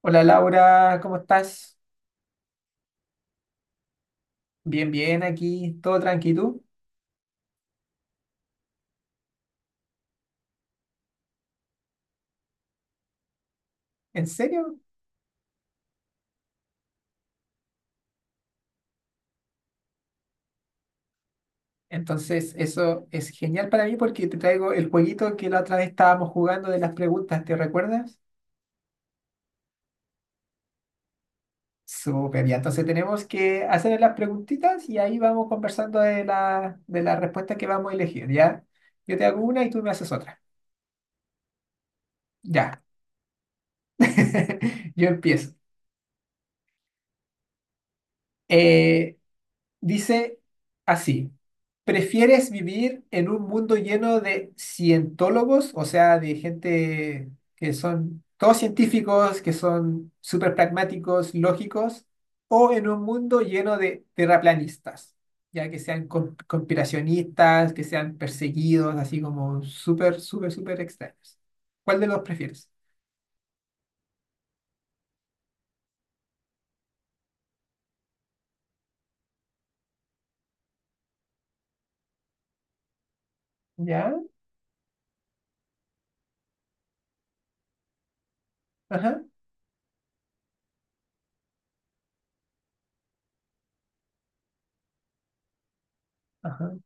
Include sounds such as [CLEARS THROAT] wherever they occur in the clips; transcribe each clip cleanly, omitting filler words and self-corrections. Hola Laura, ¿cómo estás? Bien, bien, aquí, todo tranquilo. ¿En serio? Entonces, eso es genial para mí porque te traigo el jueguito que la otra vez estábamos jugando de las preguntas, ¿te recuerdas? Súper bien, entonces tenemos que hacer las preguntitas y ahí vamos conversando de la respuesta que vamos a elegir, ¿ya? Yo te hago una y tú me haces otra. Ya. [LAUGHS] Yo empiezo. Eh, Dice así, ¿prefieres vivir en un mundo lleno de cientólogos, o sea, de gente que son todos científicos, que son súper pragmáticos, lógicos, o en un mundo lleno de terraplanistas, ya que sean conspiracionistas, que sean perseguidos, así como súper, súper, súper extraños? ¿Cuál de los prefieres? ¿Ya? Ajá, ajá.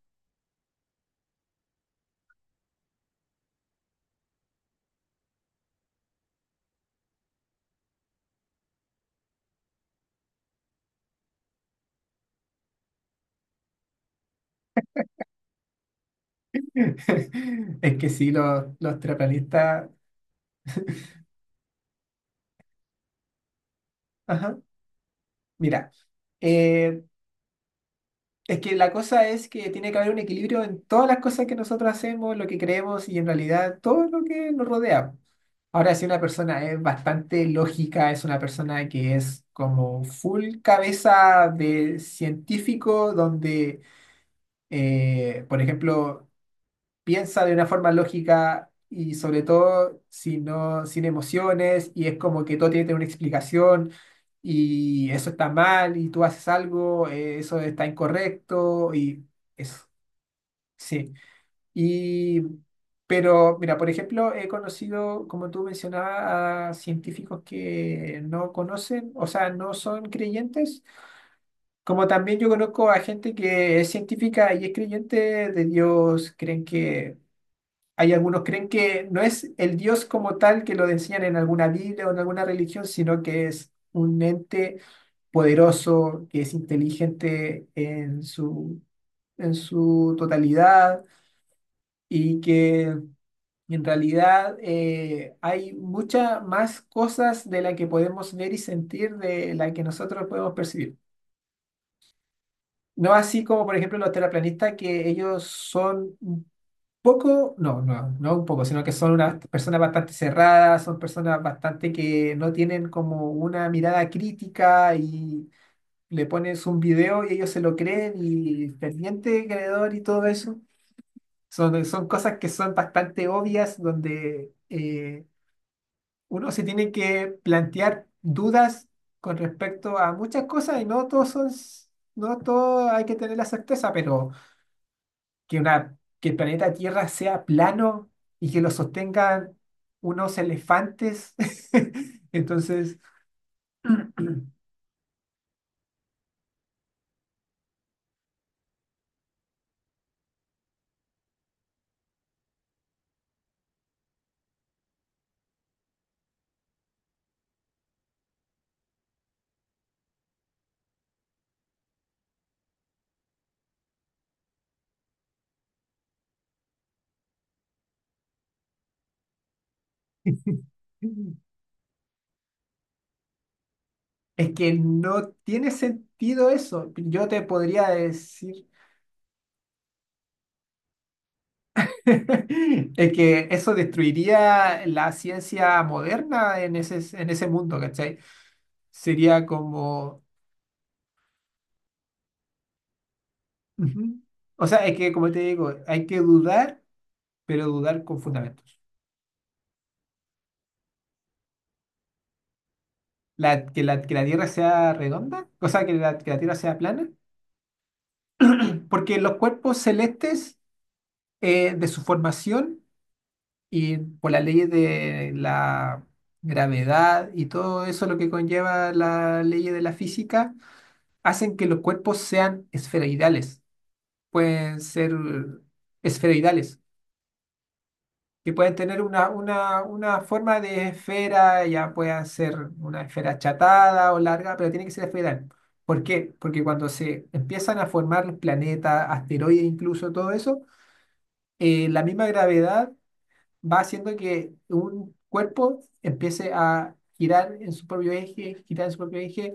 [LAUGHS] Es que sí, los terraplanistas. Ajá. Mira, eh, es que la cosa es que tiene que haber un equilibrio en todas las cosas que nosotros hacemos, lo que creemos y en realidad todo lo que nos rodea. Ahora, si una persona es bastante lógica, es una persona que es como full cabeza de científico, donde, por ejemplo, piensa de una forma lógica y sobre todo sin, no, sin emociones y es como que todo tiene que tener una explicación y eso está mal y tú haces algo, eso está incorrecto y eso, sí. Y, pero mira, por ejemplo, he conocido, como tú mencionabas, a científicos que no conocen, o sea, no son creyentes. Como también yo conozco a gente que es científica y es creyente de Dios, creen que hay algunos creen que no es el Dios como tal que lo enseñan en alguna Biblia o en alguna religión, sino que es un ente poderoso, que es inteligente en su totalidad y que en realidad hay muchas más cosas de las que podemos ver y sentir de las que nosotros podemos percibir. No así como, por ejemplo, los terraplanistas, que ellos son poco, no, no, no un poco, sino que son unas personas bastante cerradas, son personas bastante que no tienen como una mirada crítica y le pones un video y ellos se lo creen y pendiente, creador y todo eso. Son cosas que son bastante obvias donde uno se tiene que plantear dudas con respecto a muchas cosas y no todos son, no todo hay que tener la certeza, pero que, una, que el planeta Tierra sea plano y que lo sostengan unos elefantes. [LAUGHS] Entonces, [CLEARS THROAT] es que no tiene sentido eso. Yo te podría decir [LAUGHS] es que eso destruiría la ciencia moderna en ese mundo, ¿cachai? Sería como... ujú. O sea, es que, como te digo, hay que dudar, pero dudar con fundamento. Que la Tierra sea redonda, o sea, que la Tierra sea plana, porque los cuerpos celestes de su formación y por las leyes de la gravedad y todo eso lo que conlleva la ley de la física, hacen que los cuerpos sean esferoidales, pueden ser esferoidales. Que pueden tener una forma de esfera, ya puedan ser una esfera achatada o larga, pero tiene que ser esferal. ¿Por qué? Porque cuando se empiezan a formar los planetas, asteroides, incluso todo eso, la misma gravedad va haciendo que un cuerpo empiece a girar en su propio eje,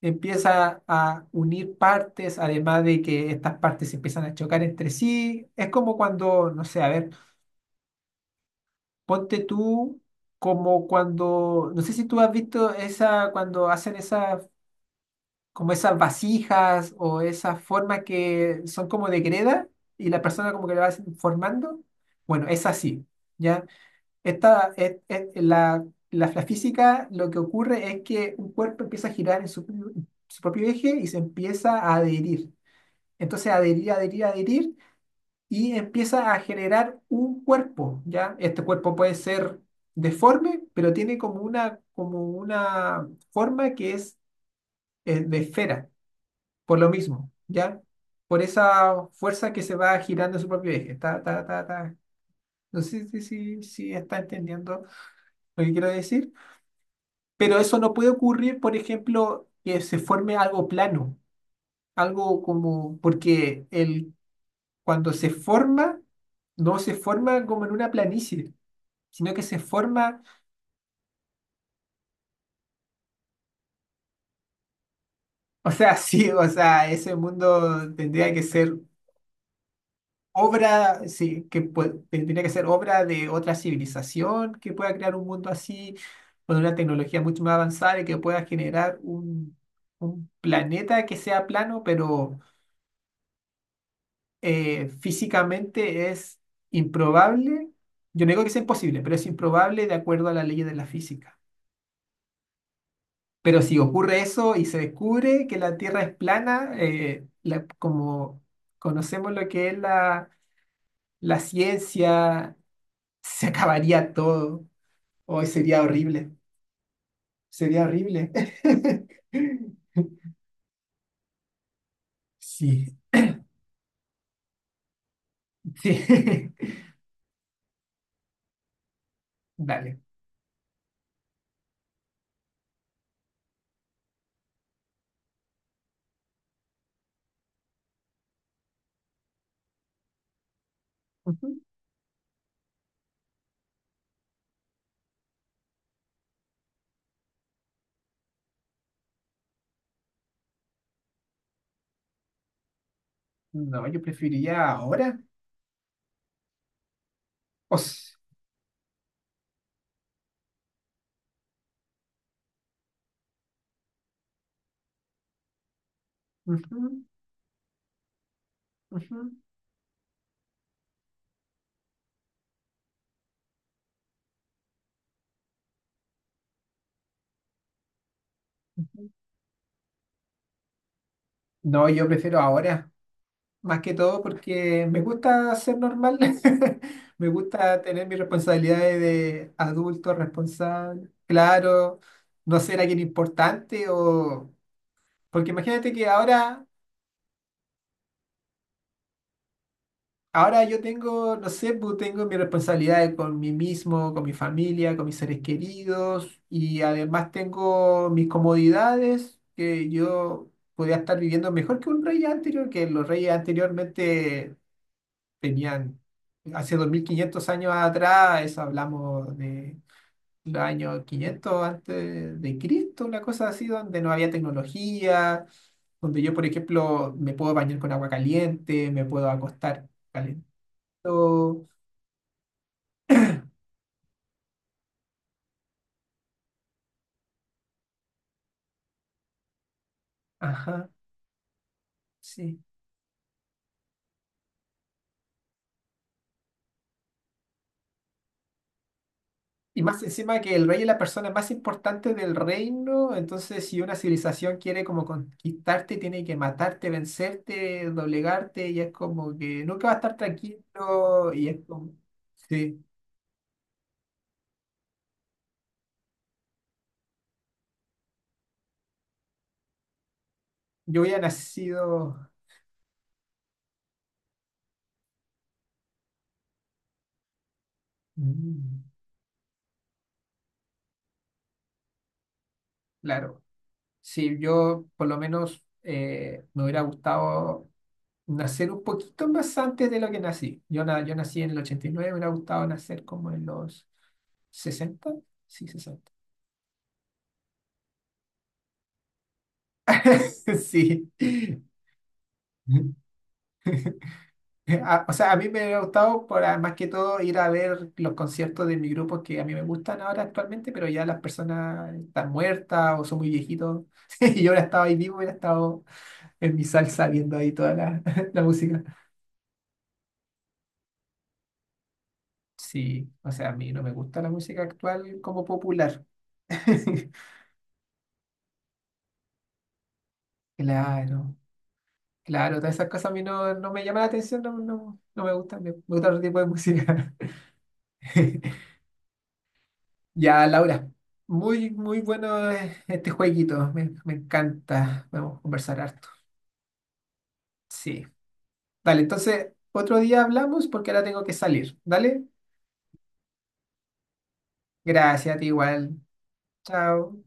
empieza a unir partes, además de que estas partes se empiezan a chocar entre sí. Es como cuando, no sé, a ver. Ponte tú como cuando, no sé si tú has visto esa, cuando hacen esas, como esas vasijas o esas formas que son como de greda y la persona como que la va formando. Bueno, es así, ¿ya? Esta, es- la física lo que ocurre es que un cuerpo empieza a girar en su propio eje y se empieza a adherir. Entonces, adherir, adherir, adherir y empieza a generar un cuerpo, ¿ya? Este cuerpo puede ser deforme, pero tiene como una forma que es de esfera, por lo mismo, ¿ya? Por esa fuerza que se va girando en su propio eje. Ta, ta, ta, ta. No sé si está entendiendo lo que quiero decir, pero eso no puede ocurrir, por ejemplo, que se forme algo plano, algo como, porque el, cuando se forma, no se forma como en una planicie, sino que se forma, [LAUGHS] o sea, sí, o sea, ese mundo tendría que ser obra, sí, tendría que ser obra de otra civilización que pueda crear un mundo así, con una tecnología mucho más avanzada y que pueda generar un planeta que sea plano, pero físicamente es improbable. Yo no digo que sea imposible, pero es improbable de acuerdo a las leyes de la física. Pero si ocurre eso y se descubre que la Tierra es plana, como conocemos lo que es la ciencia, se acabaría todo. Hoy sería horrible. Sería horrible. [LAUGHS] Sí, sí. [LAUGHS] Dale. Ujú. No, yo preferiría ahora. O s- ujú, ujú, ujú. No, yo prefiero ahora. Más que todo porque me gusta ser normal, [LAUGHS] me gusta tener mis responsabilidades de adulto responsable, claro, no ser alguien importante o... Porque imagínate que ahora yo tengo, no sé, pues, tengo mis responsabilidades con mí mismo, con mi familia, con mis seres queridos y además tengo mis comodidades que yo podía estar viviendo mejor que un rey anterior, que los reyes anteriormente tenían hace 2.500 años atrás, eso hablamos de los años 500 antes de Cristo, una cosa así, donde no había tecnología, donde yo, por ejemplo, me puedo bañar con agua caliente, me puedo acostar calentito. Ajá, sí. Y más encima que el rey es la persona más importante del reino, entonces si una civilización quiere como conquistarte, tiene que matarte, vencerte, doblegarte, y es como que nunca va a estar tranquilo, y es como, sí, yo hubiera nacido. Mm, claro, sí, yo por lo menos me hubiera gustado nacer un poquito más antes de lo que nací. Yo nací en el ochenta y nueve. Me hubiera gustado nacer como en los sesenta. Sí, sesenta. [LAUGHS] Sí. O sea, a mí me ha gustado por, más que todo ir a ver los conciertos de mi grupo que a mí me gustan ahora actualmente, pero ya las personas están muertas o son muy viejitos. [LAUGHS] Y yo hubiera estado ahí vivo, hubiera estado en mi salsa viendo ahí toda la, [LAUGHS] la música. Sí, o sea, a mí no me gusta la música actual como popular. [LAUGHS] Claro, claro, todas esas cosas a mí no, no me llaman la atención, no, no, no me gustan, me gusta otro tipo de música. [LAUGHS] Ya, Laura, muy, muy bueno este jueguito, me encanta, vamos a conversar harto. Sí, dale, entonces otro día hablamos porque ahora tengo que salir, ¿dale? Gracias a ti igual, chao.